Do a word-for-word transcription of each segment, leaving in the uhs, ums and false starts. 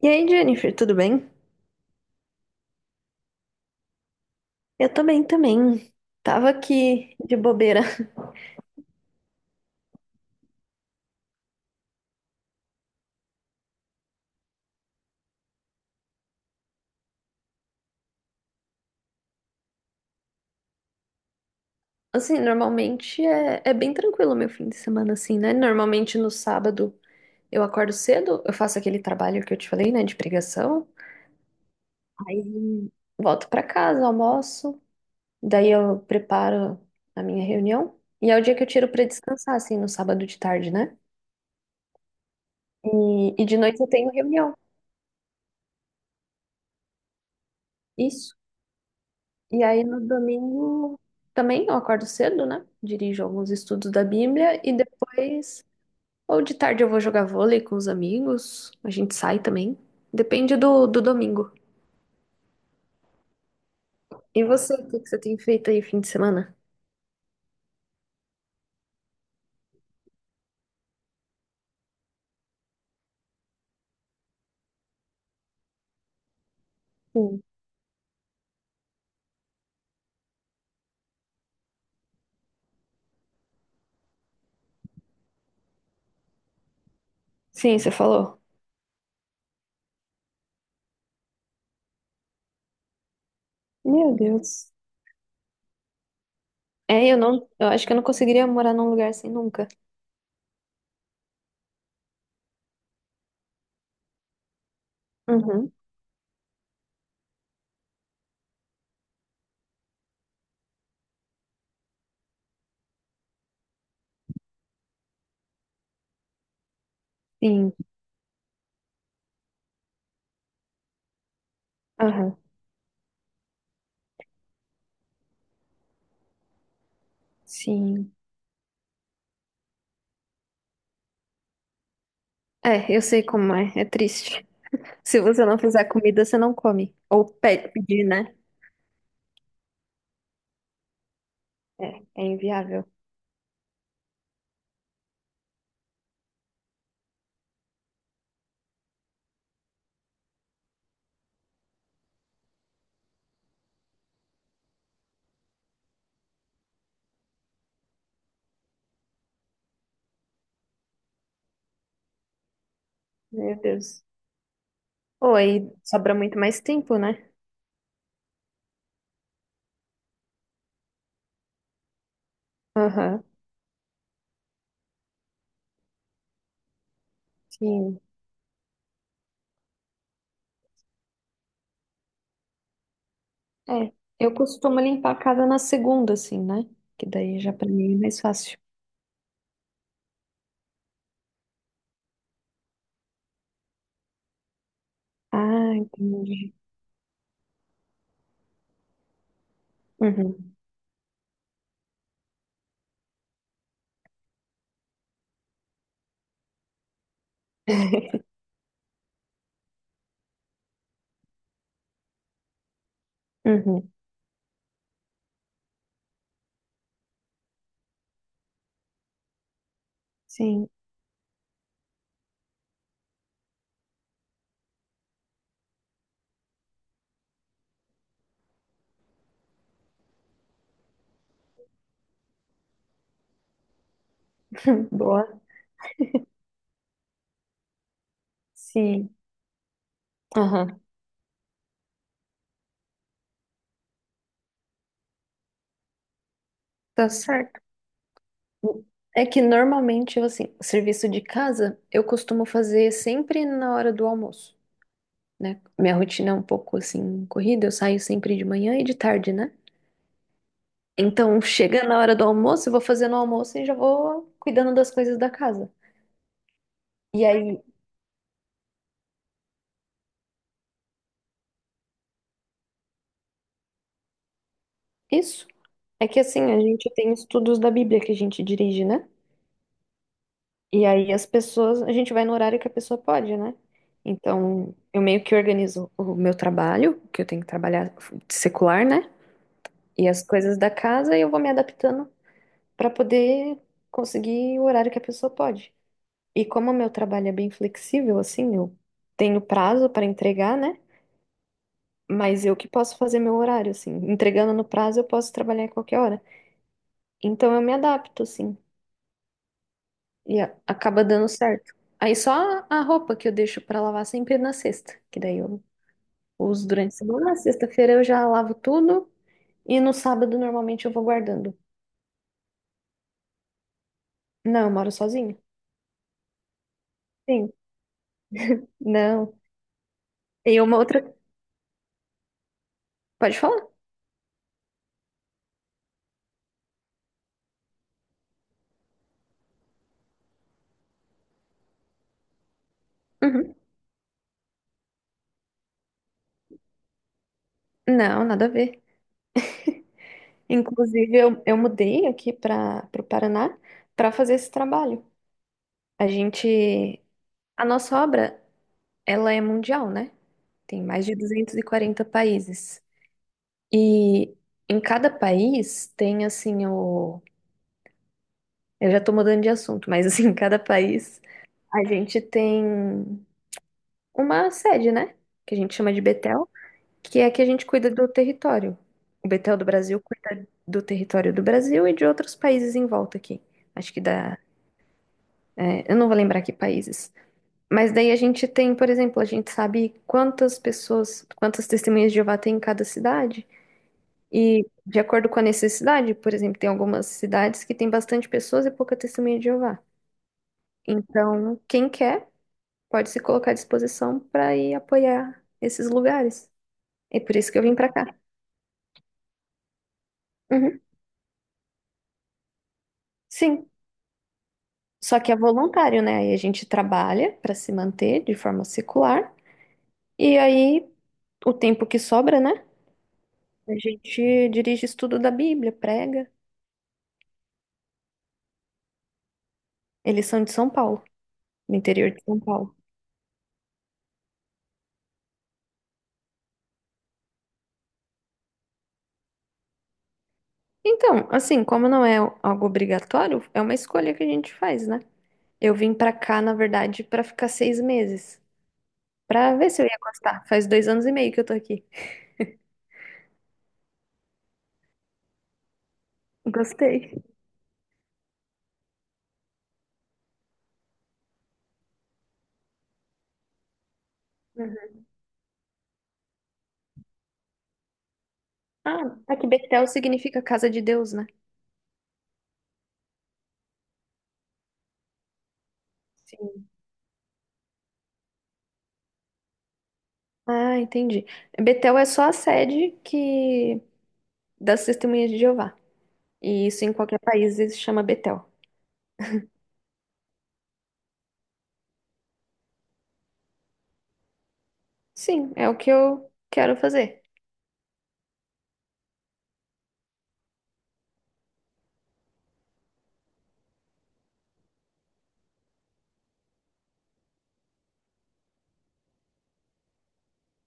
E aí, Jennifer, tudo bem? Eu tô bem também. Tava aqui de bobeira. Assim, normalmente é, é bem tranquilo meu fim de semana, assim, né? Normalmente no sábado eu acordo cedo, eu faço aquele trabalho que eu te falei, né, de pregação. Aí volto pra casa, almoço, daí eu preparo a minha reunião. E é o dia que eu tiro pra descansar, assim, no sábado de tarde, né? E, e de noite eu tenho reunião. Isso. E aí no domingo também eu acordo cedo, né? Dirijo alguns estudos da Bíblia e depois, ou de tarde eu vou jogar vôlei com os amigos, a gente sai também. Depende do, do domingo. E você, o que que você tem feito aí fim de semana? Sim. Sim, você falou. Meu Deus. É, eu não, eu acho que eu não conseguiria morar num lugar assim nunca. Uhum. Sim. Aham. Sim. É, eu sei como é, é triste. Se você não fizer comida, você não come. Ou pe- pedir, né? É, é inviável. Meu Deus. Oi, sobra muito mais tempo, né? Aham, sim. É, eu costumo limpar a casa na segunda, assim, né? Que daí já pra mim é mais fácil. Ah, entendi. Uhum, uhum, sim. Boa. Sim. Aham, tá certo. É que normalmente, eu, assim, serviço de casa eu costumo fazer sempre na hora do almoço, né? Minha rotina é um pouco, assim, corrida. Eu saio sempre de manhã e de tarde, né? Então, chega na hora do almoço, eu vou fazendo o almoço e já vou cuidando das coisas da casa. E aí, isso é que assim, a gente tem estudos da Bíblia que a gente dirige, né? E aí as pessoas, a gente vai no horário que a pessoa pode, né? Então, eu meio que organizo o meu trabalho, que eu tenho que trabalhar secular, né? E as coisas da casa, e eu vou me adaptando para poder conseguir o horário que a pessoa pode. E como o meu trabalho é bem flexível, assim, eu tenho prazo para entregar, né? Mas eu que posso fazer meu horário, assim. Entregando no prazo, eu posso trabalhar a qualquer hora. Então eu me adapto, assim. E a- acaba dando certo. Aí só a a roupa que eu deixo pra lavar sempre na sexta, que daí eu uso durante a semana. Na sexta-feira eu já lavo tudo e no sábado normalmente eu vou guardando. Não, eu moro sozinha. Sim, não. E uma outra. Pode falar? Uhum. Não, nada a ver. Inclusive, eu, eu mudei aqui para o Paraná para fazer esse trabalho. A gente. A nossa obra. Ela é mundial, né? Tem mais de duzentos e quarenta países. E em cada país tem assim o. Eu já tô mudando de assunto, mas assim, em cada país a gente tem uma sede, né? Que a gente chama de Betel, que é a que a gente cuida do território. O Betel do Brasil cuida do território do Brasil e de outros países em volta aqui. Acho que dá. É, eu não vou lembrar que países. Mas daí a gente tem, por exemplo, a gente sabe quantas pessoas, quantas testemunhas de Jeová tem em cada cidade. E de acordo com a necessidade, por exemplo, tem algumas cidades que tem bastante pessoas e pouca testemunha de Jeová. Então, quem quer pode se colocar à disposição para ir apoiar esses lugares. É por isso que eu vim para cá. Uhum, sim. Só que é voluntário, né? Aí a gente trabalha para se manter de forma secular. E aí, o tempo que sobra, né? A gente dirige estudo da Bíblia, prega. Eles são de São Paulo, do interior de São Paulo. Então, assim, como não é algo obrigatório, é uma escolha que a gente faz, né? Eu vim pra cá, na verdade, pra ficar seis meses, pra ver se eu ia gostar. Faz dois anos e meio que eu tô aqui. Gostei. Uhum. Ah, aqui Betel significa casa de Deus, né? Sim. Ah, entendi. Betel é só a sede que das Testemunhas de Jeová. E isso em qualquer país se chama Betel. Sim, é o que eu quero fazer.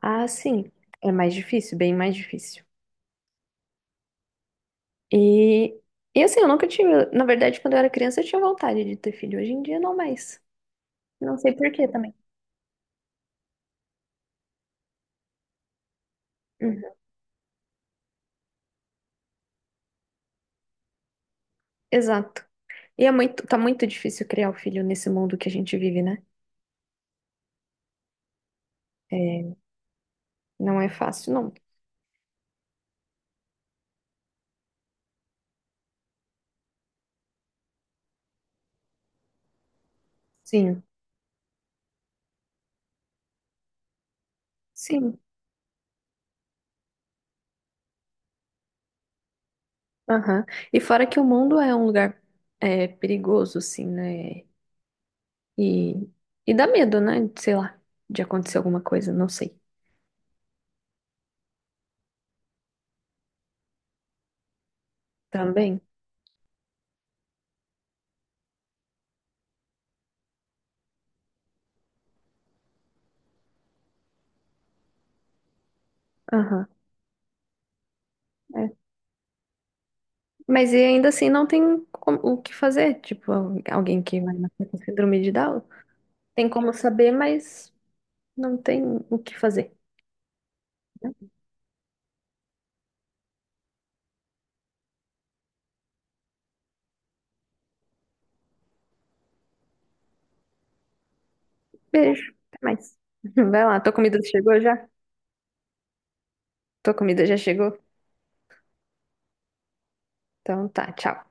Ah, sim. É mais difícil, bem mais difícil. E, e assim, eu nunca tive. Na verdade, quando eu era criança, eu tinha vontade de ter filho. Hoje em dia, não mais. Não sei por quê também. Uhum. Exato. E é muito, tá muito difícil criar o filho nesse mundo que a gente vive, né? É, não é fácil, não. Sim, sim. Aham. E fora que o mundo é um lugar é, perigoso, assim, né? E, e dá medo, né? Sei lá, de acontecer alguma coisa, não sei. Também? Aham. Mas e ainda assim não tem como- o que fazer. Tipo, alguém que vai nascer com síndrome de Down tem como saber, mas não tem o que fazer. Né? Beijo, até mais. Vai lá, tua comida chegou já? Tua comida já chegou? Então tá, tchau.